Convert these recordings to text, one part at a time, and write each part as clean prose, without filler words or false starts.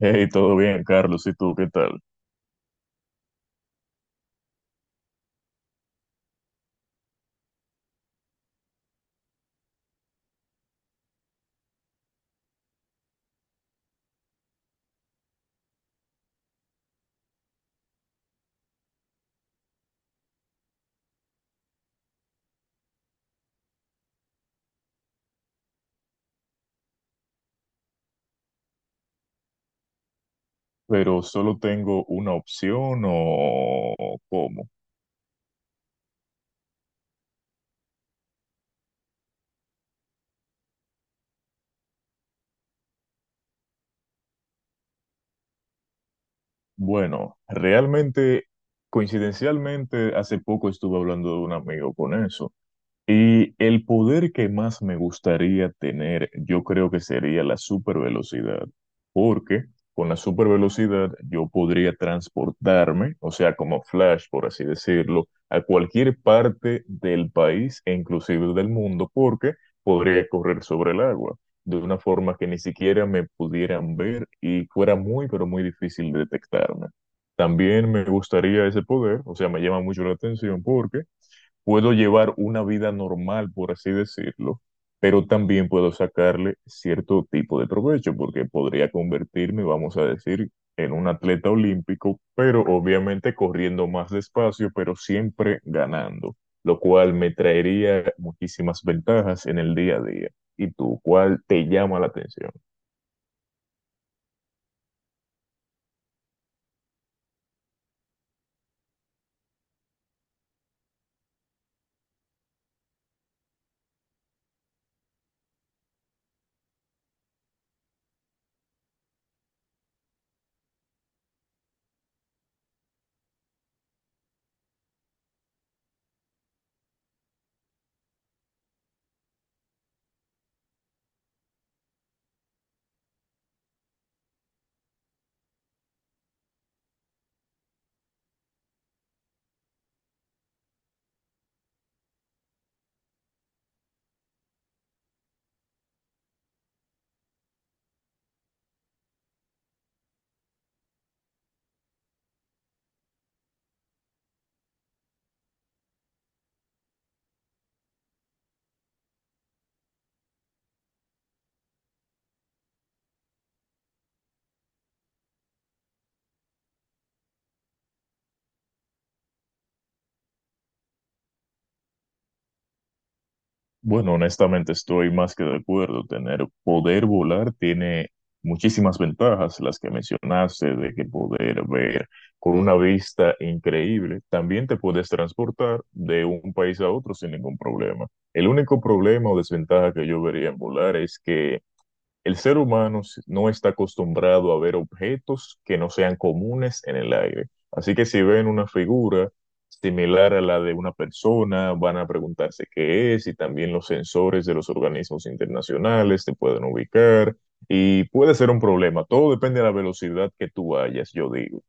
Hey, todo bien, Carlos, ¿y tú qué tal? Pero solo tengo una opción o cómo. Bueno, realmente, coincidencialmente, hace poco estuve hablando de un amigo con eso. Y el poder que más me gustaría tener, yo creo que sería la supervelocidad, porque con la supervelocidad yo podría transportarme, o sea, como Flash, por así decirlo, a cualquier parte del país e inclusive del mundo, porque podría correr sobre el agua de una forma que ni siquiera me pudieran ver y fuera muy, pero muy difícil detectarme. También me gustaría ese poder, o sea, me llama mucho la atención porque puedo llevar una vida normal, por así decirlo, pero también puedo sacarle cierto tipo de provecho, porque podría convertirme, vamos a decir, en un atleta olímpico, pero obviamente corriendo más despacio, pero siempre ganando, lo cual me traería muchísimas ventajas en el día a día. ¿Y tú, cuál te llama la atención? Bueno, honestamente estoy más que de acuerdo. Tener poder volar tiene muchísimas ventajas, las que mencionaste, de que poder ver con una vista increíble. También te puedes transportar de un país a otro sin ningún problema. El único problema o desventaja que yo vería en volar es que el ser humano no está acostumbrado a ver objetos que no sean comunes en el aire. Así que si ven una figura similar a la de una persona, van a preguntarse qué es, y también los sensores de los organismos internacionales te pueden ubicar y puede ser un problema. Todo depende de la velocidad que tú vayas, yo digo.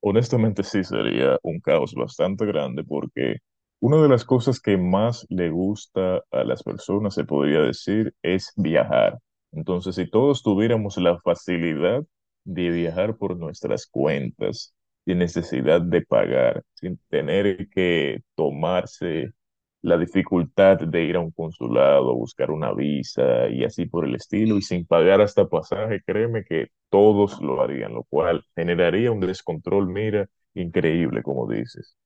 Honestamente sí sería un caos bastante grande porque una de las cosas que más le gusta a las personas, se podría decir, es viajar. Entonces, si todos tuviéramos la facilidad de viajar por nuestras cuentas, sin necesidad de pagar, sin tener que tomarse la dificultad de ir a un consulado, buscar una visa y así por el estilo, y sin pagar hasta pasaje, créeme que todos lo harían, lo cual generaría un descontrol, mira, increíble, como dices.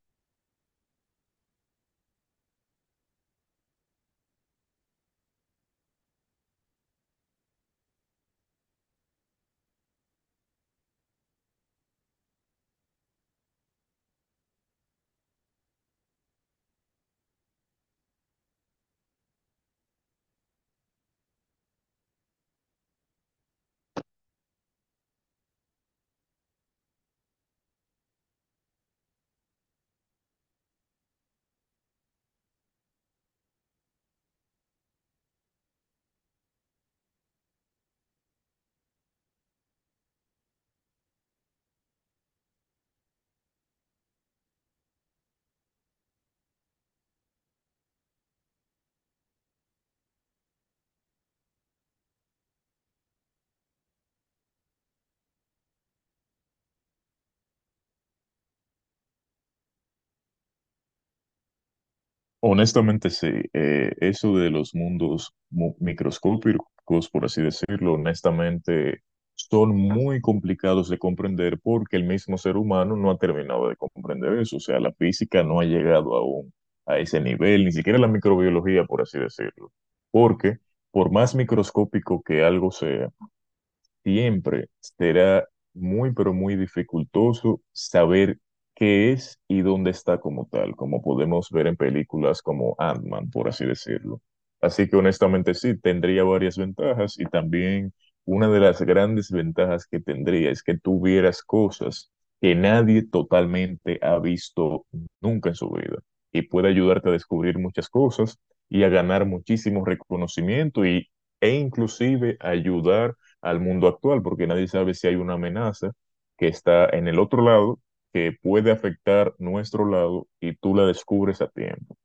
Honestamente, sí, eso de los mundos microscópicos, por así decirlo, honestamente, son muy complicados de comprender porque el mismo ser humano no ha terminado de comprender eso, o sea, la física no ha llegado aún a ese nivel, ni siquiera la microbiología, por así decirlo, porque por más microscópico que algo sea, siempre será muy, pero muy dificultoso saber qué es y dónde está como tal, como podemos ver en películas como Ant-Man, por así decirlo. Así que honestamente sí, tendría varias ventajas, y también una de las grandes ventajas que tendría es que tuvieras cosas que nadie totalmente ha visto nunca en su vida y puede ayudarte a descubrir muchas cosas y a ganar muchísimo reconocimiento y, e inclusive ayudar al mundo actual, porque nadie sabe si hay una amenaza que está en el otro lado, que puede afectar nuestro lado y tú la descubres a tiempo.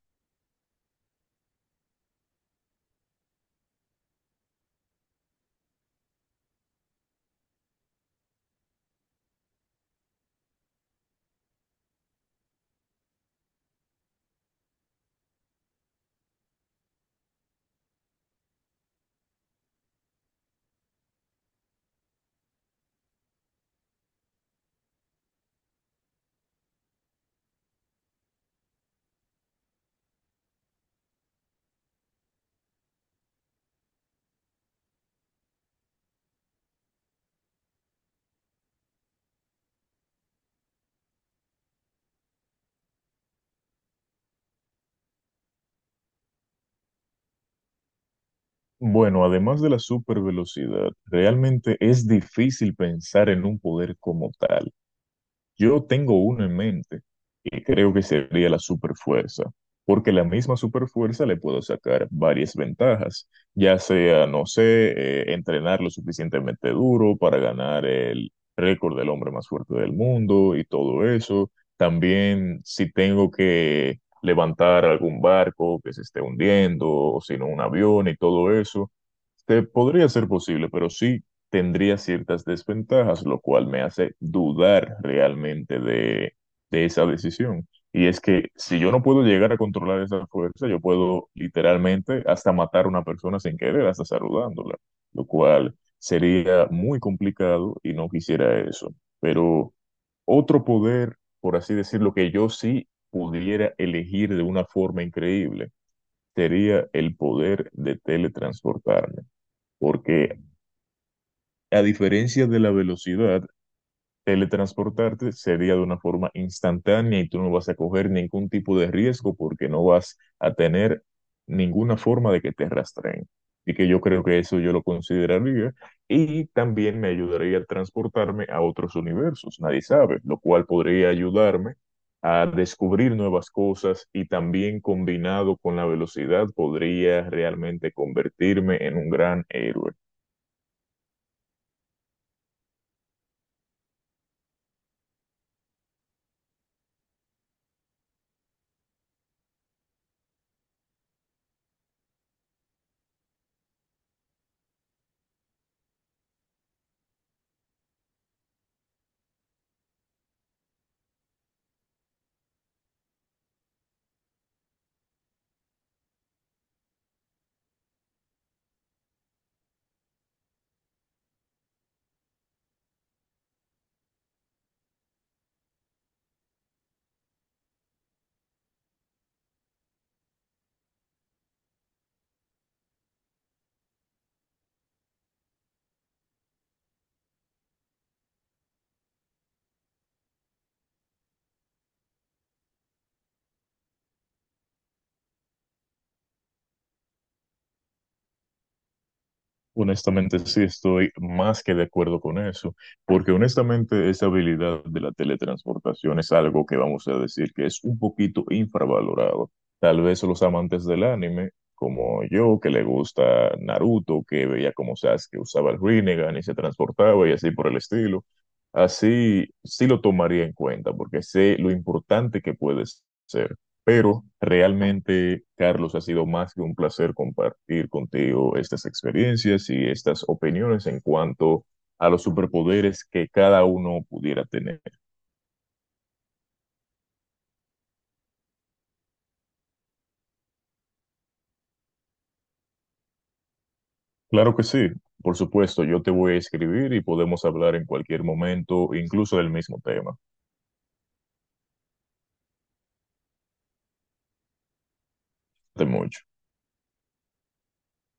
Bueno, además de la supervelocidad, realmente es difícil pensar en un poder como tal. Yo tengo uno en mente que creo que sería la superfuerza, porque la misma superfuerza le puedo sacar varias ventajas, ya sea, no sé, entrenar lo suficientemente duro para ganar el récord del hombre más fuerte del mundo y todo eso. También si tengo que levantar algún barco que se esté hundiendo, o si no un avión y todo eso. Este, podría ser posible, pero sí tendría ciertas desventajas, lo cual me hace dudar realmente de esa decisión. Y es que si yo no puedo llegar a controlar esa fuerza, yo puedo literalmente hasta matar a una persona sin querer, hasta saludándola, lo cual sería muy complicado y no quisiera eso. Pero otro poder, por así decirlo, que yo sí pudiera elegir de una forma increíble, sería el poder de teletransportarme. Porque a diferencia de la velocidad, teletransportarte sería de una forma instantánea y tú no vas a coger ningún tipo de riesgo porque no vas a tener ninguna forma de que te rastreen. Y que yo creo que eso yo lo consideraría. Y también me ayudaría a transportarme a otros universos, nadie sabe, lo cual podría ayudarme a descubrir nuevas cosas y también combinado con la velocidad podría realmente convertirme en un gran héroe. Honestamente, sí estoy más que de acuerdo con eso, porque honestamente esa habilidad de la teletransportación es algo que vamos a decir que es un poquito infravalorado. Tal vez los amantes del anime, como yo, que le gusta Naruto, que veía como Sasuke usaba el Rinnegan y se transportaba y así por el estilo, así sí lo tomaría en cuenta, porque sé lo importante que puede ser. Pero realmente, Carlos, ha sido más que un placer compartir contigo estas experiencias y estas opiniones en cuanto a los superpoderes que cada uno pudiera tener. Claro que sí, por supuesto, yo te voy a escribir y podemos hablar en cualquier momento, incluso del mismo tema. De mucho.